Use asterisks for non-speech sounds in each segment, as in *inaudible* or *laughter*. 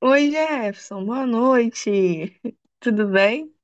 Oi, Jefferson, boa noite. *laughs* Tudo bem?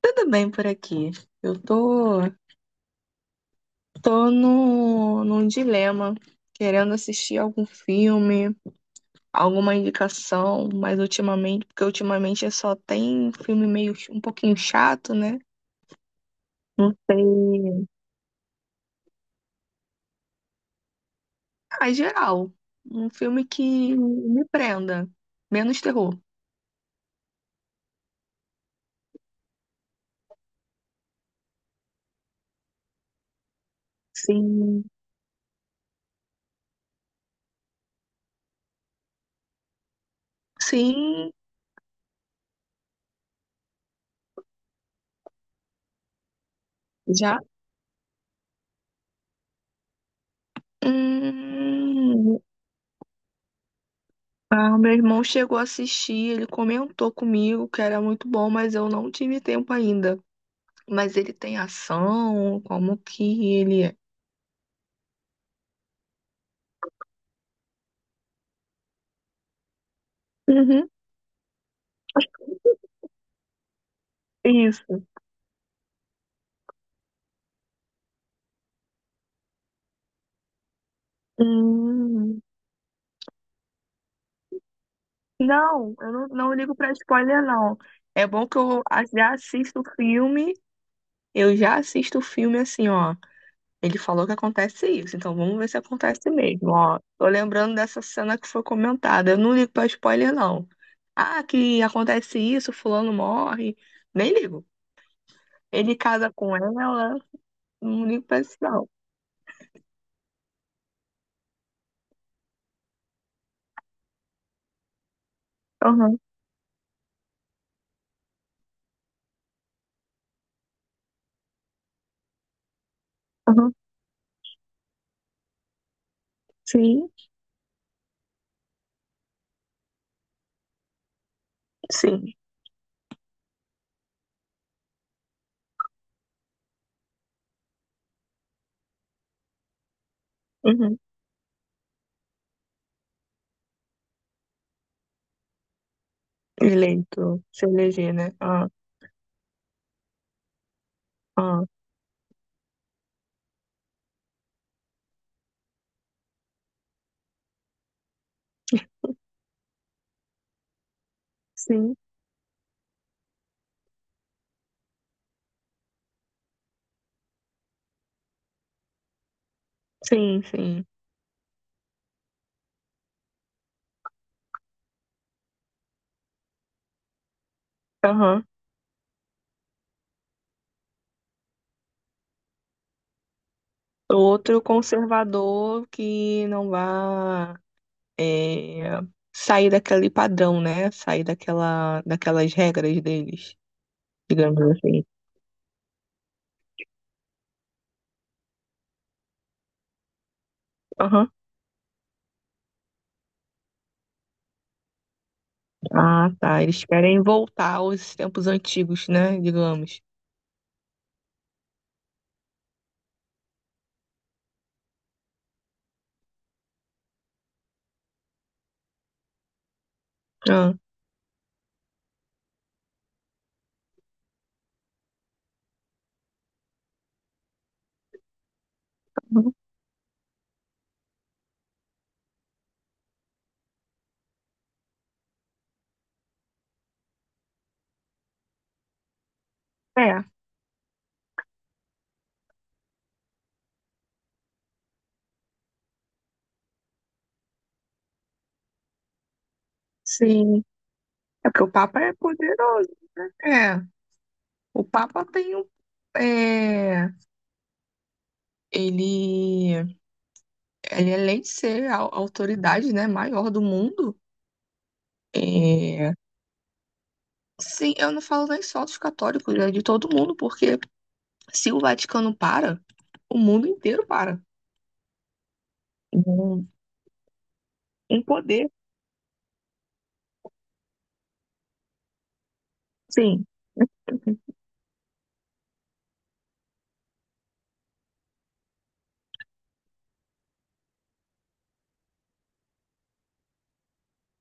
Tudo bem por aqui. Eu tô, tô no, num dilema, querendo assistir algum filme, alguma indicação, mas ultimamente só tem filme um pouquinho chato, né? Não sei. Ah, em geral, um filme que me prenda, menos terror. Sim, sim, já. Hum. Ah, meu irmão chegou a assistir, ele comentou comigo que era muito bom, mas eu não tive tempo ainda. Mas ele tem ação, como que ele é? Uhum, isso. Hum, não, eu não, não ligo pra spoiler, não. É bom que já assisto o filme, eu já assisto o filme assim, ó. Ele falou que acontece isso, então vamos ver se acontece mesmo, ó. Tô lembrando dessa cena que foi comentada. Eu não ligo pra spoiler, não. Ah, que acontece isso, fulano morre. Nem ligo. Ele casa com ela, não ligo pra isso, não. Aham, aham. Sim, sim. Uhum. Eleito, se eleger, né? Ah, ah. Sim, sim, sim. Aham. Outro conservador que não vá é, sair daquele padrão, né? Sair daquela, daquelas regras deles, digamos assim. Aham. Ah, tá. Eles querem voltar aos tempos antigos, né? Digamos. Ah. É, sim. É porque o Papa é poderoso, né? É, o Papa tem um. É, ele, ele, além de ser a autoridade, né, maior do mundo, é, sim, eu não falo nem só dos católicos, é de todo mundo, porque se o Vaticano para, o mundo inteiro para. Um, um poder, sim,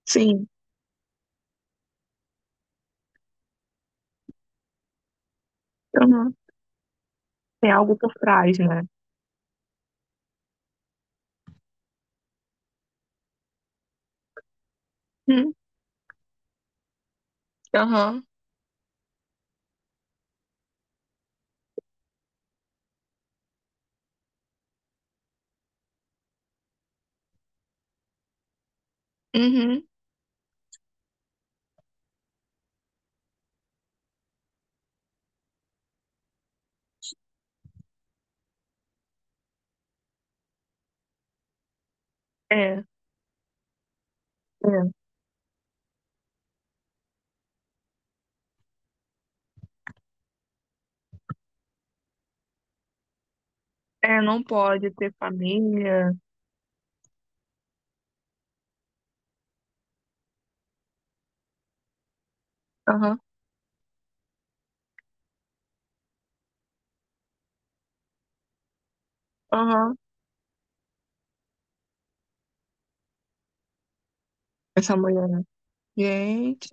sim. Aham. Tem algo por trás, né? Hum. Aham, uhum. É, é. É, não pode ter família. Aham, aham. Essa mulher, né? Gente,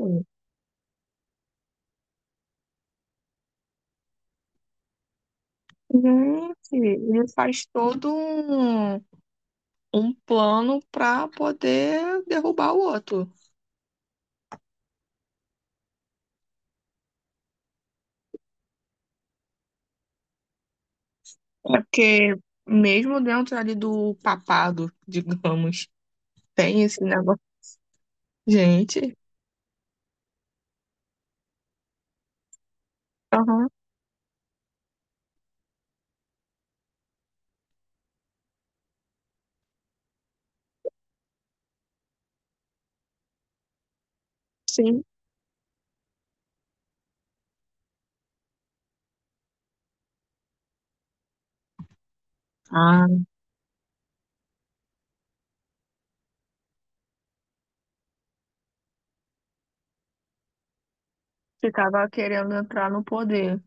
gente, ele faz todo um, um plano para poder derrubar o outro. É porque mesmo dentro ali do papado, *laughs* digamos, tem esse negócio. Gente, aham, sim. Ah. Ficava querendo entrar no poder.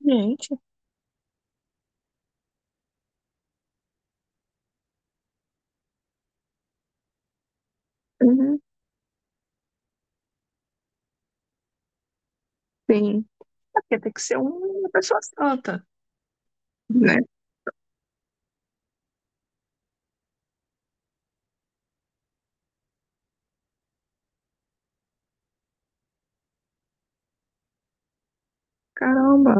Gente, uhum, sim. É porque tem que ser um, uma pessoa santa, né? Caramba,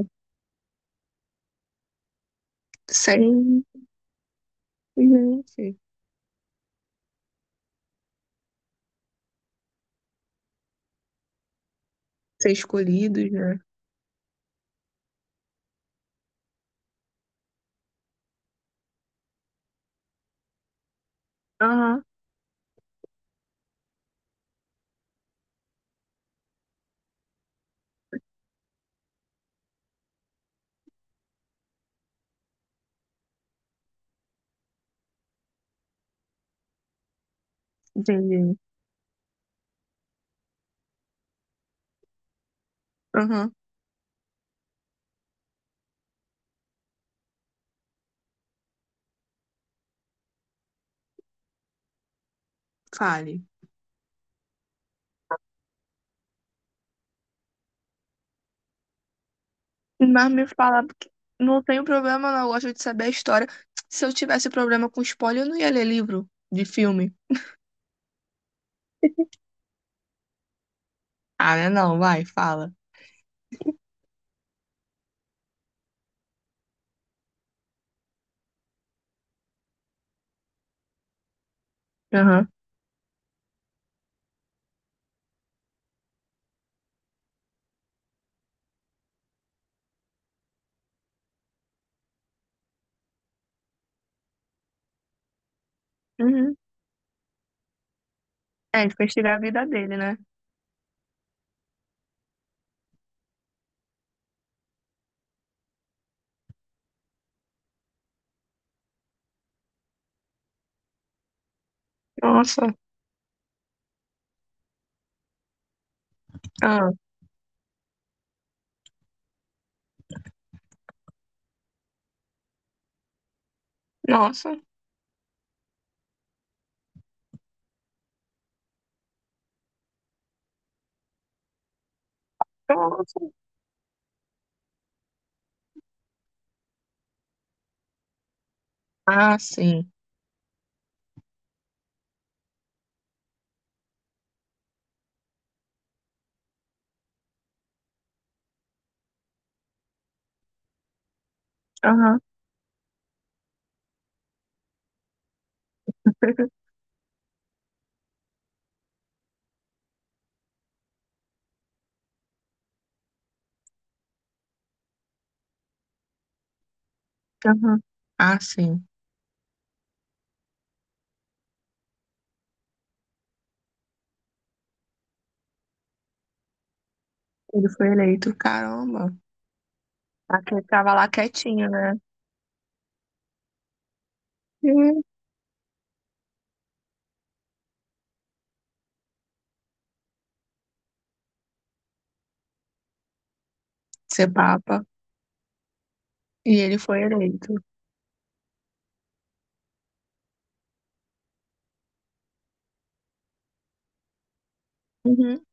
sem gente, ser escolhidos, né? Aham, entendi. Aham, fale. Mas me fala, porque não tenho problema, não. Eu gosto de saber a história. Se eu tivesse problema com spoiler, eu não ia ler livro de filme. Ah, né? Não, vai, fala. Aham. Uhum. É, investigar a vida dele, né? Nossa. Ah, nossa. Nossa. Ah, sim. Aham. *laughs* Aham. Ah, sim. Ele foi eleito. Caramba. Aquele que tava lá quietinho, né? Uhum. Ser papa. E ele foi eleito. Uhum.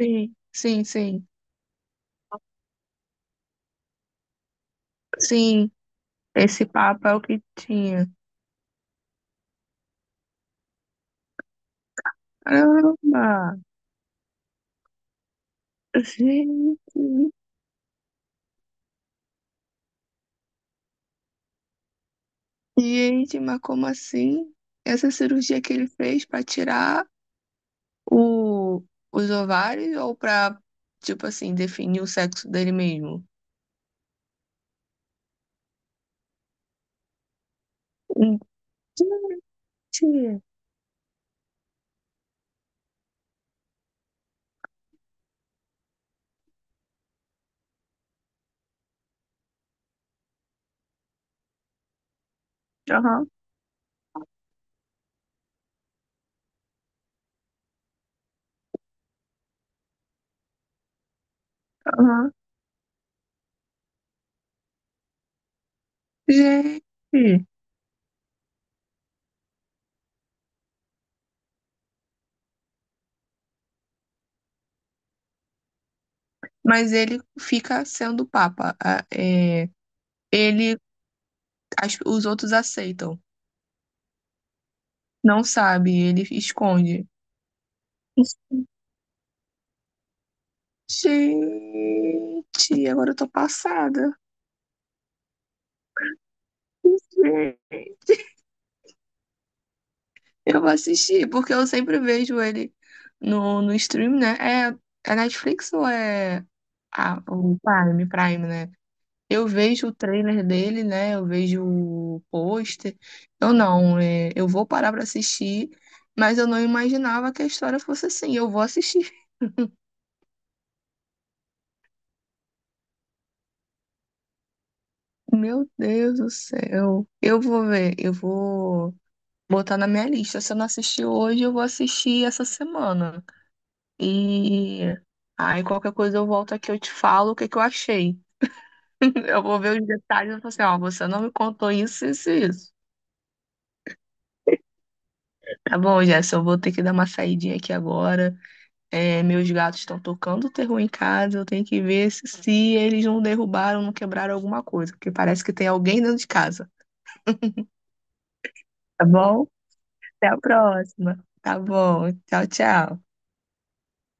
Sim, sim, sim. Sim, esse papo é o que tinha. Caramba! Gente, gente, mas como assim? Essa cirurgia que ele fez pra tirar o, os ovários ou pra, tipo assim, definir o sexo dele mesmo? Gente, aham, aham. Gente, mas ele fica sendo papa. É, ele, os outros aceitam. Não sabe, ele esconde. Gente, agora eu tô passada. Gente, eu vou assistir, porque eu sempre vejo ele no, no stream, né? É, é Netflix ou é o Prime, Prime, né? Eu vejo o trailer dele, né? Eu vejo o pôster. Eu não, é, eu vou parar pra assistir, mas eu não imaginava que a história fosse assim. Eu vou assistir. *laughs* Meu Deus do céu. Eu vou ver, eu vou botar na minha lista. Se eu não assistir hoje, eu vou assistir essa semana. E aí qualquer coisa eu volto aqui, eu te falo o que que eu achei. *laughs* Eu vou ver os detalhes e vou falar assim, ó, você não me contou isso, isso, e isso. Tá bom, Jéssica, eu vou ter que dar uma saidinha aqui agora. É, meus gatos estão tocando o terror em casa, eu tenho que ver se, se eles não derrubaram, não quebraram alguma coisa, porque parece que tem alguém dentro de casa. Tá bom? Até a próxima. Tá bom. Tchau, tchau.